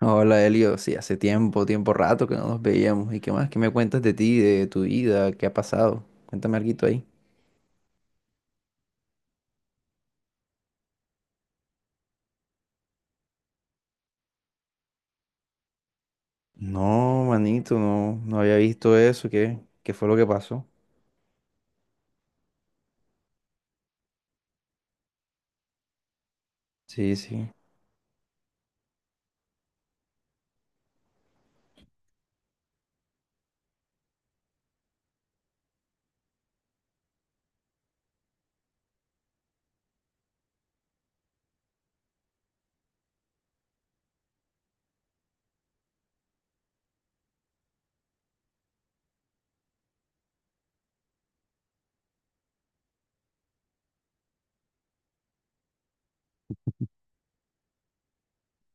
Hola Elio, sí, hace tiempo, rato que no nos veíamos. ¿Y qué más? ¿Qué me cuentas de ti, de tu vida? ¿Qué ha pasado? Cuéntame algo ahí. No, manito, no había visto eso. ¿Qué fue lo que pasó? Sí, sí.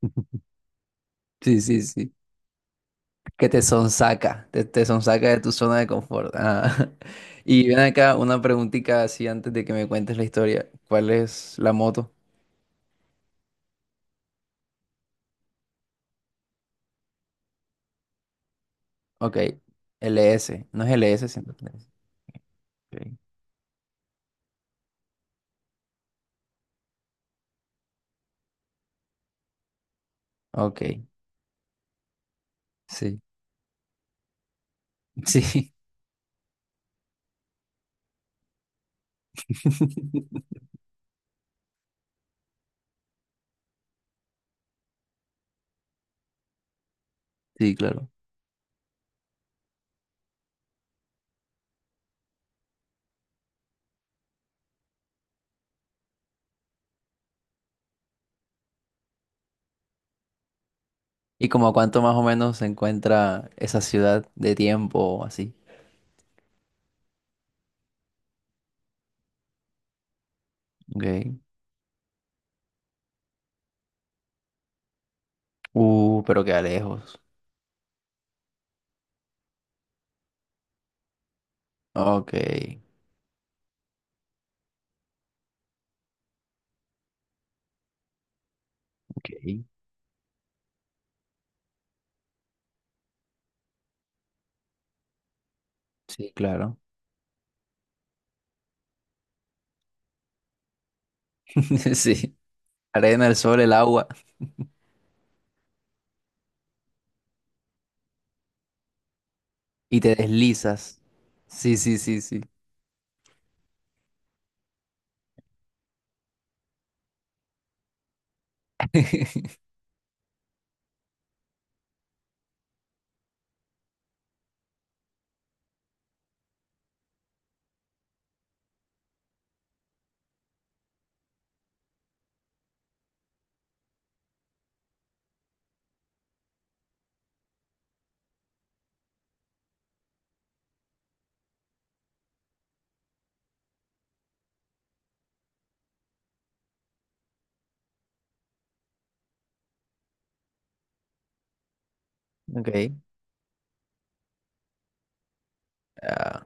Sí, sí, sí. Que te sonsaca, te sonsaca de tu zona de confort. Ah. Y ven acá una preguntita así antes de que me cuentes la historia. ¿Cuál es la moto? Ok, LS. No es LS, sino LS. Ok, ok, sí. Sí. Sí, claro. ¿Y como a cuánto más o menos se encuentra esa ciudad de tiempo así? Ok. Pero queda lejos. Ok. Ok. Sí, claro. Sí. Arena, el sol, el agua. Y te deslizas. Sí, sí, sí, sí. Ok. Ah,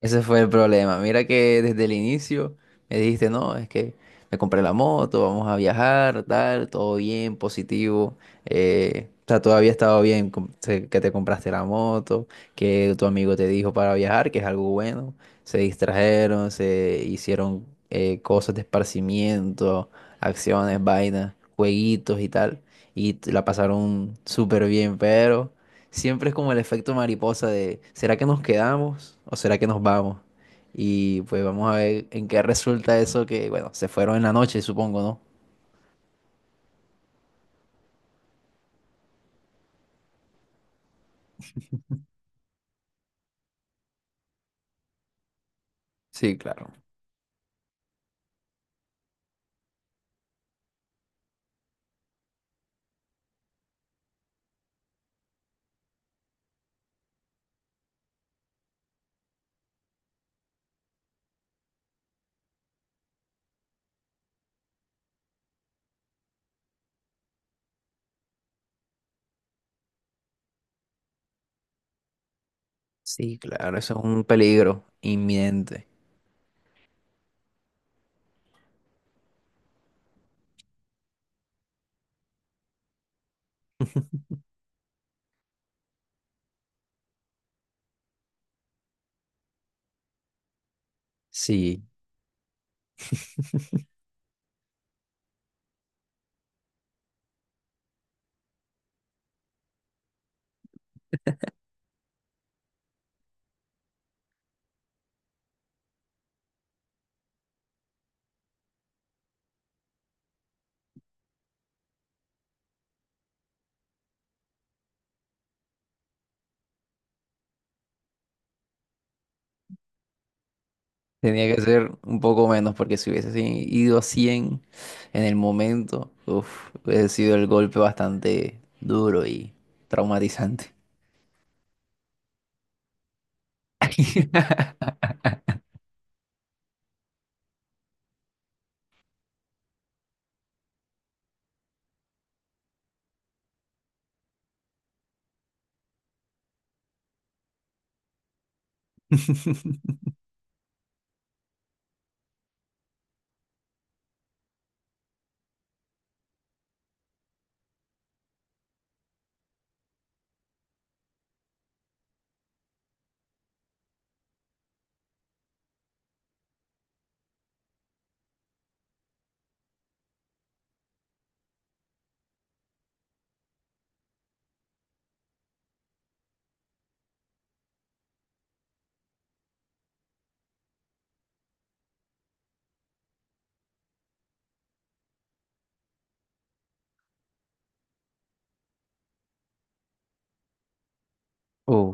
ese fue el problema. Mira que desde el inicio me dijiste, no, es que me compré la moto, vamos a viajar, tal, todo bien, positivo. O sea, todavía estaba bien que te compraste la moto, que tu amigo te dijo para viajar, que es algo bueno. Se distrajeron, se hicieron cosas de esparcimiento, acciones, vainas, jueguitos y tal. Y la pasaron súper bien, pero siempre es como el efecto mariposa de, ¿será que nos quedamos o será que nos vamos? Y pues vamos a ver en qué resulta eso que, bueno, se fueron en la noche, supongo, ¿no? Sí, claro. Sí, claro, eso es un peligro inminente. Sí, tenía que ser un poco menos porque si hubiese si- ido a 100 en el momento, uf, hubiese sido el golpe bastante duro y traumatizante. Uh,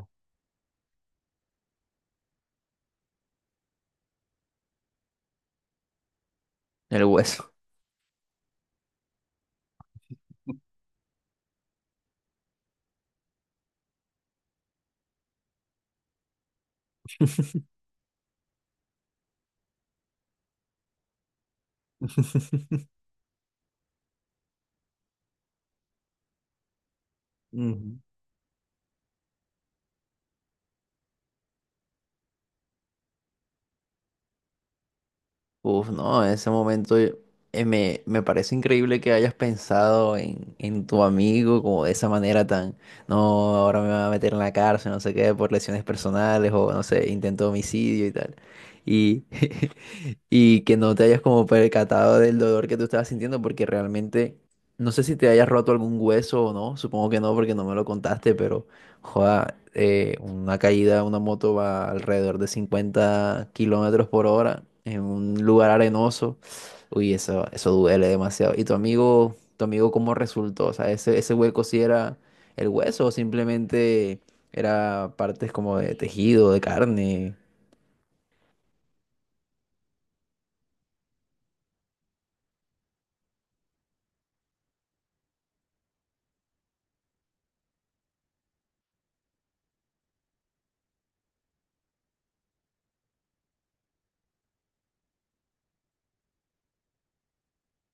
el hueso. Ujú. Uf, no, en ese momento me parece increíble que hayas pensado en tu amigo como de esa manera tan, no, ahora me va a meter en la cárcel, no sé qué, por lesiones personales o no sé, intento de homicidio y tal. Y y que no te hayas como percatado del dolor que tú estabas sintiendo porque realmente, no sé si te hayas roto algún hueso o no, supongo que no porque no me lo contaste, pero joda, una caída de una moto va alrededor de 50 kilómetros por hora en un lugar arenoso. Uy, eso duele demasiado. ¿Y tu amigo cómo resultó? O sea, ese hueco sí era el hueso o simplemente era partes como de tejido, de carne.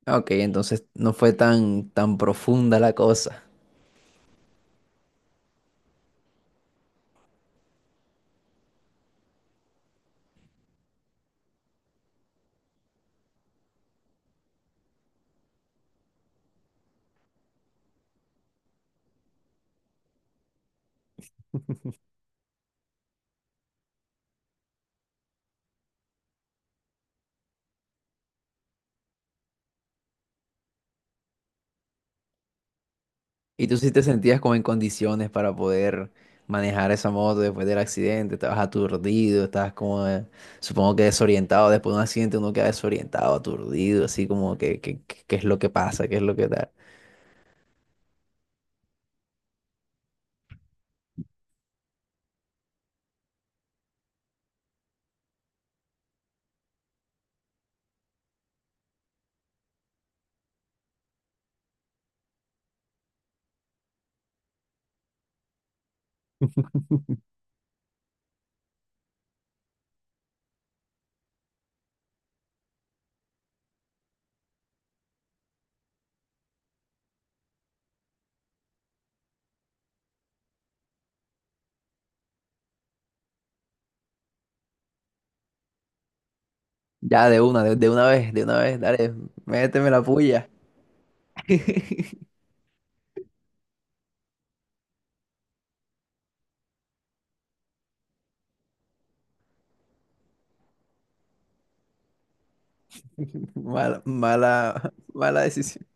Ah, ok, entonces no fue tan, tan profunda la cosa. ¿Y tú sí te sentías como en condiciones para poder manejar esa moto después del accidente? ¿Estabas aturdido? ¿Estabas como, supongo que desorientado? Después de un accidente uno queda desorientado, aturdido, así como que, ¿qué es lo que pasa? ¿Qué es lo que tal? Ya, de una, de una vez, dale, méteme la puya. Mala, mala, mala decisión.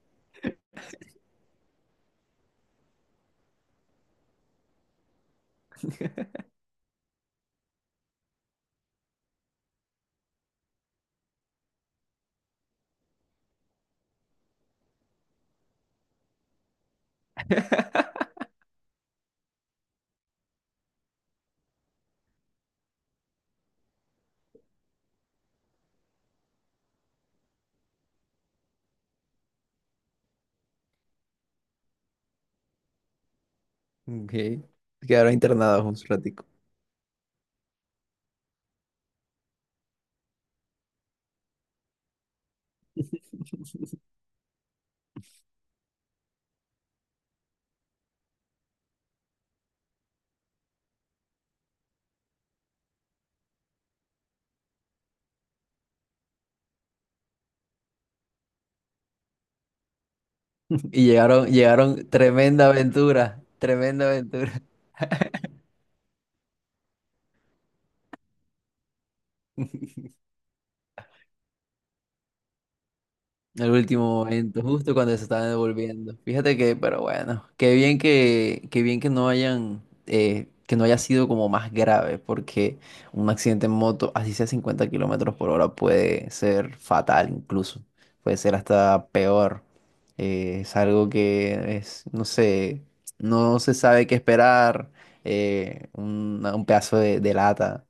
Okay. Quedaron internados un ratico. Y llegaron, llegaron, tremenda aventura, tremenda aventura. El último momento, justo cuando se estaban devolviendo. Fíjate que, pero bueno, qué bien que no hayan, que no haya sido como más grave, porque un accidente en moto, así sea 50 kilómetros por hora, puede ser fatal incluso. Puede ser hasta peor. Es algo que es, no sé, no se sabe qué esperar. Un pedazo de lata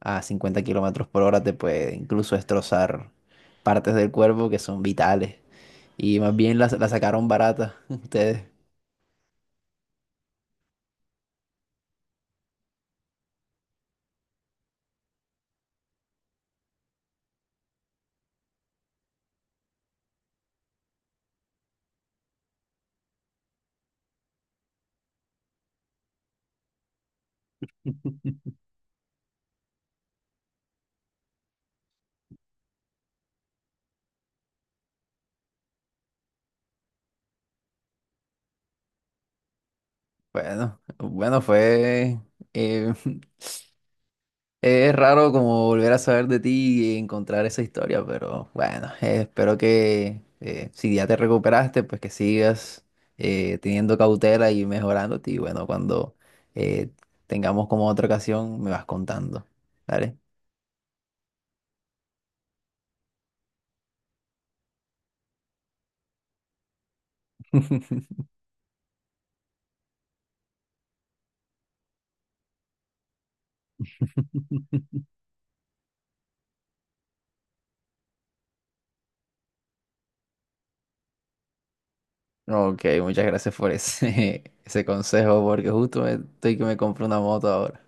a 50 kilómetros por hora te puede incluso destrozar partes del cuerpo que son vitales. Y más bien la, la sacaron barata ustedes. Bueno, bueno, fue... eh, es raro como volver a saber de ti y encontrar esa historia, pero bueno, espero que si ya te recuperaste, pues que sigas teniendo cautela y mejorándote. Y bueno, cuando eh, tengamos como otra ocasión, me vas contando. ¿Vale? Ok, muchas gracias por ese, ese consejo, porque justo estoy que me compro una moto ahora.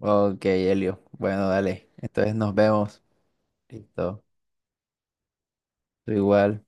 Ok, Elio. Bueno, dale. Entonces nos vemos. Listo. Tú igual.